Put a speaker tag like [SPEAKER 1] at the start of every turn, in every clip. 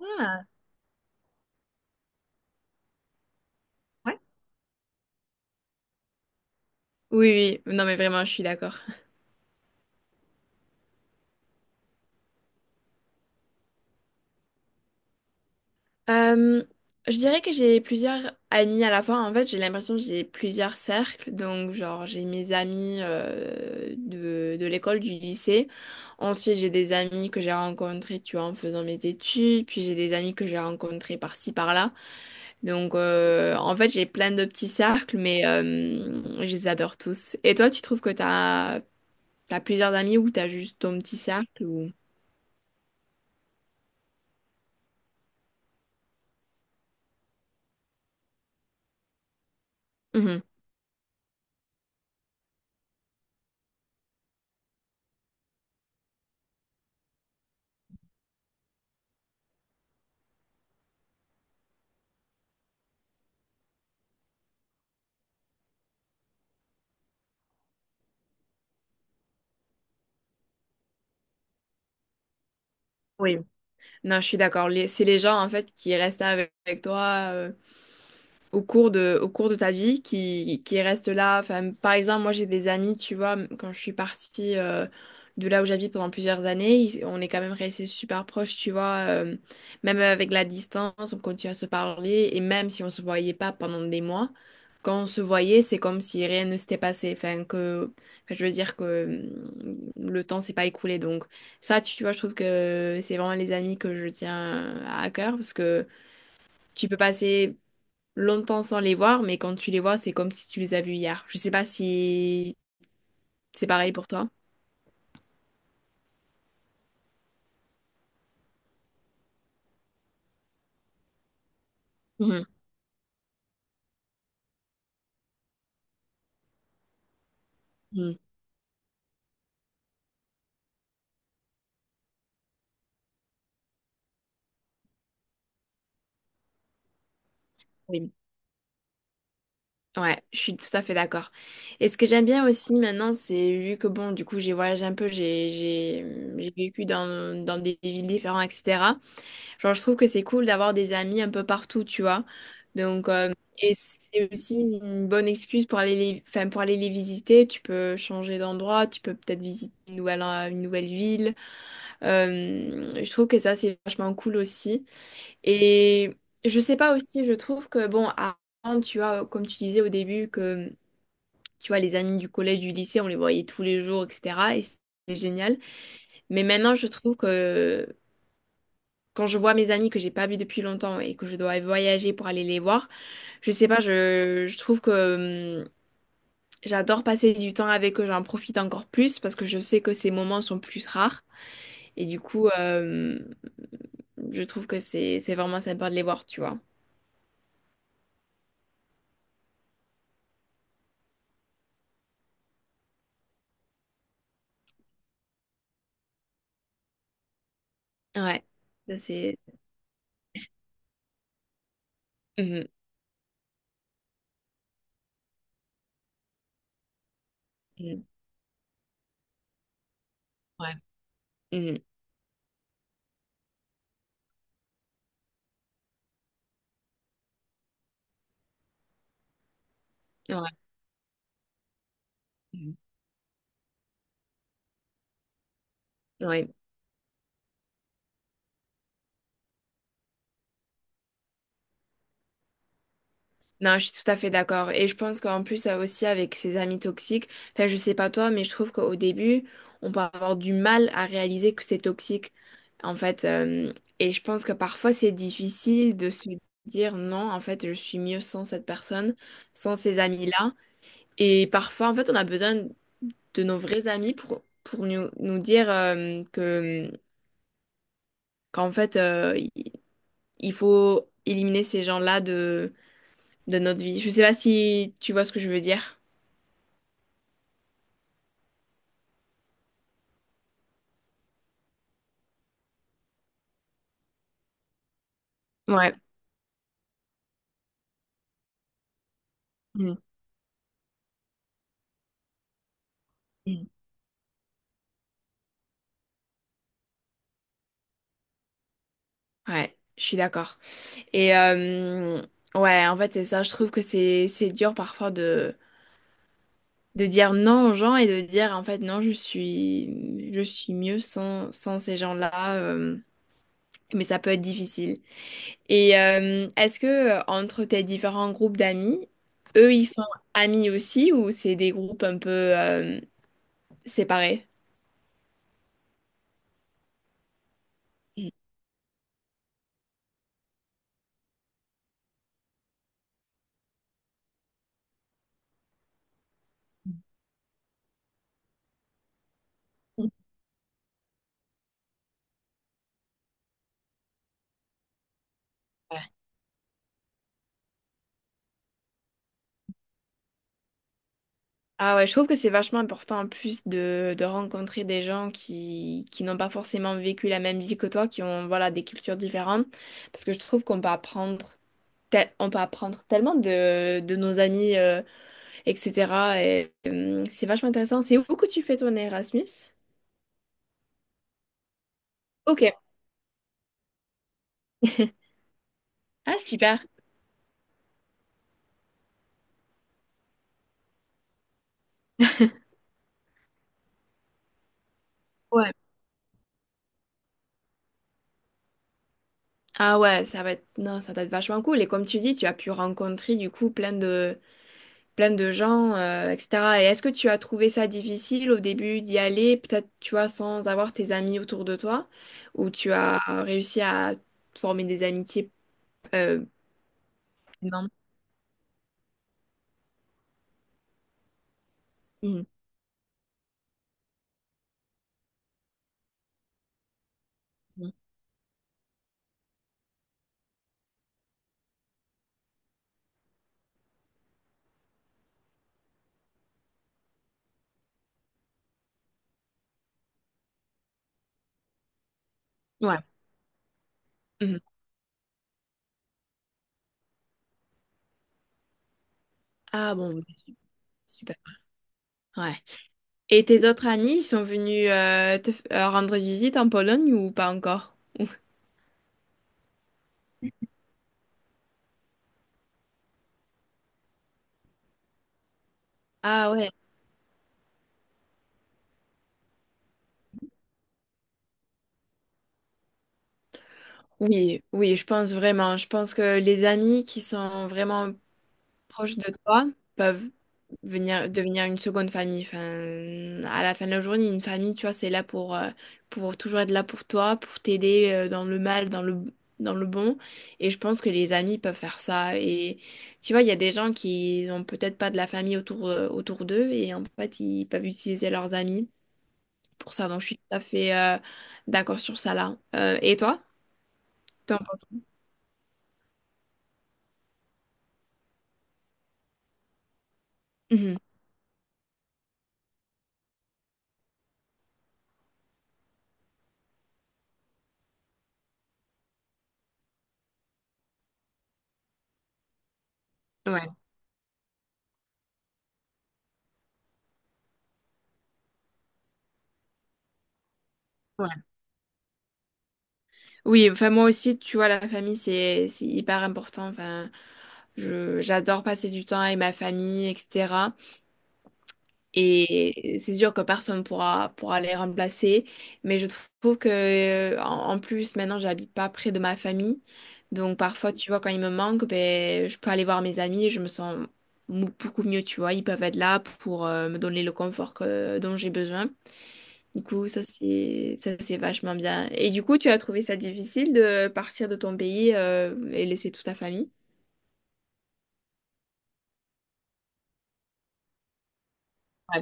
[SPEAKER 1] Ah, ouais. Oui, oui, non mais vraiment, je suis d'accord. Euh, je dirais que j'ai plusieurs amis à la fois. En fait, j'ai l'impression que j'ai plusieurs cercles. Donc, genre, j'ai mes amis de l'école, du lycée. Ensuite, j'ai des amis que j'ai rencontrés, tu vois, en faisant mes études. Puis, j'ai des amis que j'ai rencontrés par-ci, par-là. Donc, en fait, j'ai plein de petits cercles, mais je les adore tous. Et toi, tu trouves que t'as plusieurs amis ou t'as juste ton petit cercle ou Mhm. Non, je suis d'accord. C'est les gens, en fait, qui restent avec toi, euh, au au cours de ta vie qui reste là. Enfin, par exemple, moi j'ai des amis, tu vois, quand je suis partie de là où j'habite pendant plusieurs années, on est quand même restés super proches, tu vois, même avec la distance, on continue à se parler et même si on se voyait pas pendant des mois, quand on se voyait, c'est comme si rien ne s'était passé. Enfin, je veux dire que hum, le temps s'est pas écoulé. Donc ça, tu vois, je trouve que c'est vraiment les amis que je tiens à cœur parce que tu peux passer longtemps sans les voir, mais quand tu les vois, c'est comme si tu les as vus hier. Je sais pas si c'est pareil pour toi. Mhm. Mhm. Oui. Ouais, je suis tout à fait d'accord. Et ce que j'aime bien aussi maintenant, c'est vu que bon, du coup, j'ai voyagé un peu, j'ai j'ai vécu dans des villes différentes, etc. Genre, je trouve que c'est cool d'avoir des amis un peu partout, tu vois. Donc, et c'est aussi une bonne excuse pour aller enfin, pour aller les visiter. Tu peux changer d'endroit, tu peux peut-être visiter une une nouvelle ville. Je trouve que ça, c'est vachement cool aussi. Et je sais pas aussi, je trouve que, bon, avant, tu vois, comme tu disais au début, tu vois, les amis du collège, du lycée, on les voyait tous les jours, etc. Et c'est génial. Mais maintenant, je trouve que quand je vois mes amis que j'ai pas vus depuis longtemps et que je dois voyager pour aller les voir, je sais pas, je trouve que j'adore passer du temps avec eux, j'en profite encore plus parce que je sais que ces moments sont plus rares. Et du coup, je trouve que c'est vraiment sympa de les voir, tu vois. Ouais, ça c'est. Mhm, mhm. Ouais, mhm, ouais, mhm. Ouais. Non, je suis tout à fait d'accord. Et je pense qu'en plus, aussi avec ses amis toxiques, enfin, je sais pas toi, mais je trouve qu'au début, on peut avoir du mal à réaliser que c'est toxique, en fait. Et je pense que parfois, c'est difficile de se dire non, en fait, je suis mieux sans cette personne, sans ces amis-là. Et parfois, en fait, on a besoin de nos vrais amis pour nous dire qu'en fait, il faut éliminer ces gens-là de notre vie. Je sais pas si tu vois ce que je veux dire. Ouais. Mm. Mm. Ouais, je suis d'accord. Et ouais, en fait, c'est ça. Je trouve que c'est dur parfois de dire non aux gens et de dire en fait non, je suis mieux sans ces gens-là. Mais ça peut être difficile. Et est-ce que entre tes différents groupes d'amis, eux, ils sont amis aussi ou c'est des groupes un peu séparés? Mm. Ouais. Ah ouais, je trouve que c'est vachement important en plus de rencontrer des gens qui n'ont pas forcément vécu la même vie que toi, qui ont voilà, des cultures différentes, parce que je trouve qu'on peut apprendre, on peut apprendre tellement de nos amis, etc. Et, c'est vachement intéressant. C'est où que tu fais ton Erasmus? Ok. Ah, super. Ah ouais, ça va être non, ça doit être vachement cool. Et comme tu dis, tu as pu rencontrer du coup plein de gens, etc. Et est-ce que tu as trouvé ça difficile au début d'y aller, peut-être tu vois, sans avoir tes amis autour de toi, ou tu as réussi à former des amitiés euh, non. Mhm. Ouais. Mhm. Ah bon, ok. Super. Ouais. Et tes autres amis, ils sont venus rendre visite en Pologne ou pas encore? Ah ouais. Oui, oui, je pense vraiment. Je pense que les amis qui sont vraiment proches de toi peuvent venir devenir une seconde famille. Enfin, à la fin de la journée, une famille, tu vois, c'est là pour toujours être là pour toi, pour t'aider dans le mal, dans le bon. Et je pense que les amis peuvent faire ça. Et tu vois, il y a des gens qui ont peut-être pas de la famille autour, autour d'eux et en fait, ils peuvent utiliser leurs amis pour ça. Donc, je suis tout à fait d'accord sur ça là. Et toi? T'en penses- Mhm. Ouais. Oui, enfin moi aussi, tu vois, la famille, c'est hyper important. Enfin, je j'adore passer du temps avec ma famille, etc. Et c'est sûr que personne pourra les remplacer, mais je trouve que en plus maintenant, j'habite pas près de ma famille, donc parfois, tu vois, quand ils me manquent, ben je peux aller voir mes amis, et je me sens beaucoup mieux, tu vois, ils peuvent être là pour me donner le confort dont j'ai besoin. Du coup, ça c'est vachement bien. Et du coup, tu as trouvé ça difficile de partir de ton pays et laisser toute ta famille? Ouais,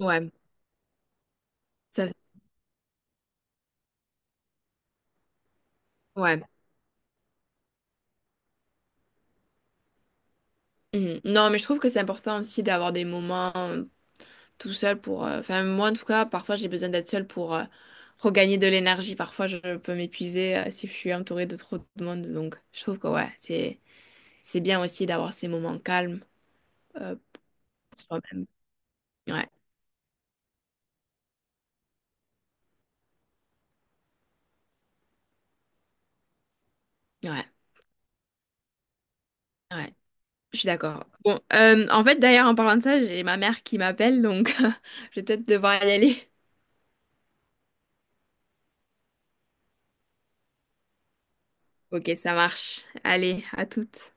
[SPEAKER 1] ouais, ça, ouais. Mhm. Non, mais je trouve que c'est important aussi d'avoir des moments tout seul pour. Enfin, moi en tout cas, parfois j'ai besoin d'être seule pour regagner de l'énergie. Parfois, je peux m'épuiser si je suis entourée de trop de monde. Donc, je trouve que ouais, c'est bien aussi d'avoir ces moments calmes euh, pour soi-même. Ouais, ouais, ouais. Je suis d'accord. Bon, en fait, d'ailleurs, en parlant de ça, j'ai ma mère qui m'appelle, donc je vais peut-être devoir y aller. Ok, ça marche. Allez, à toutes.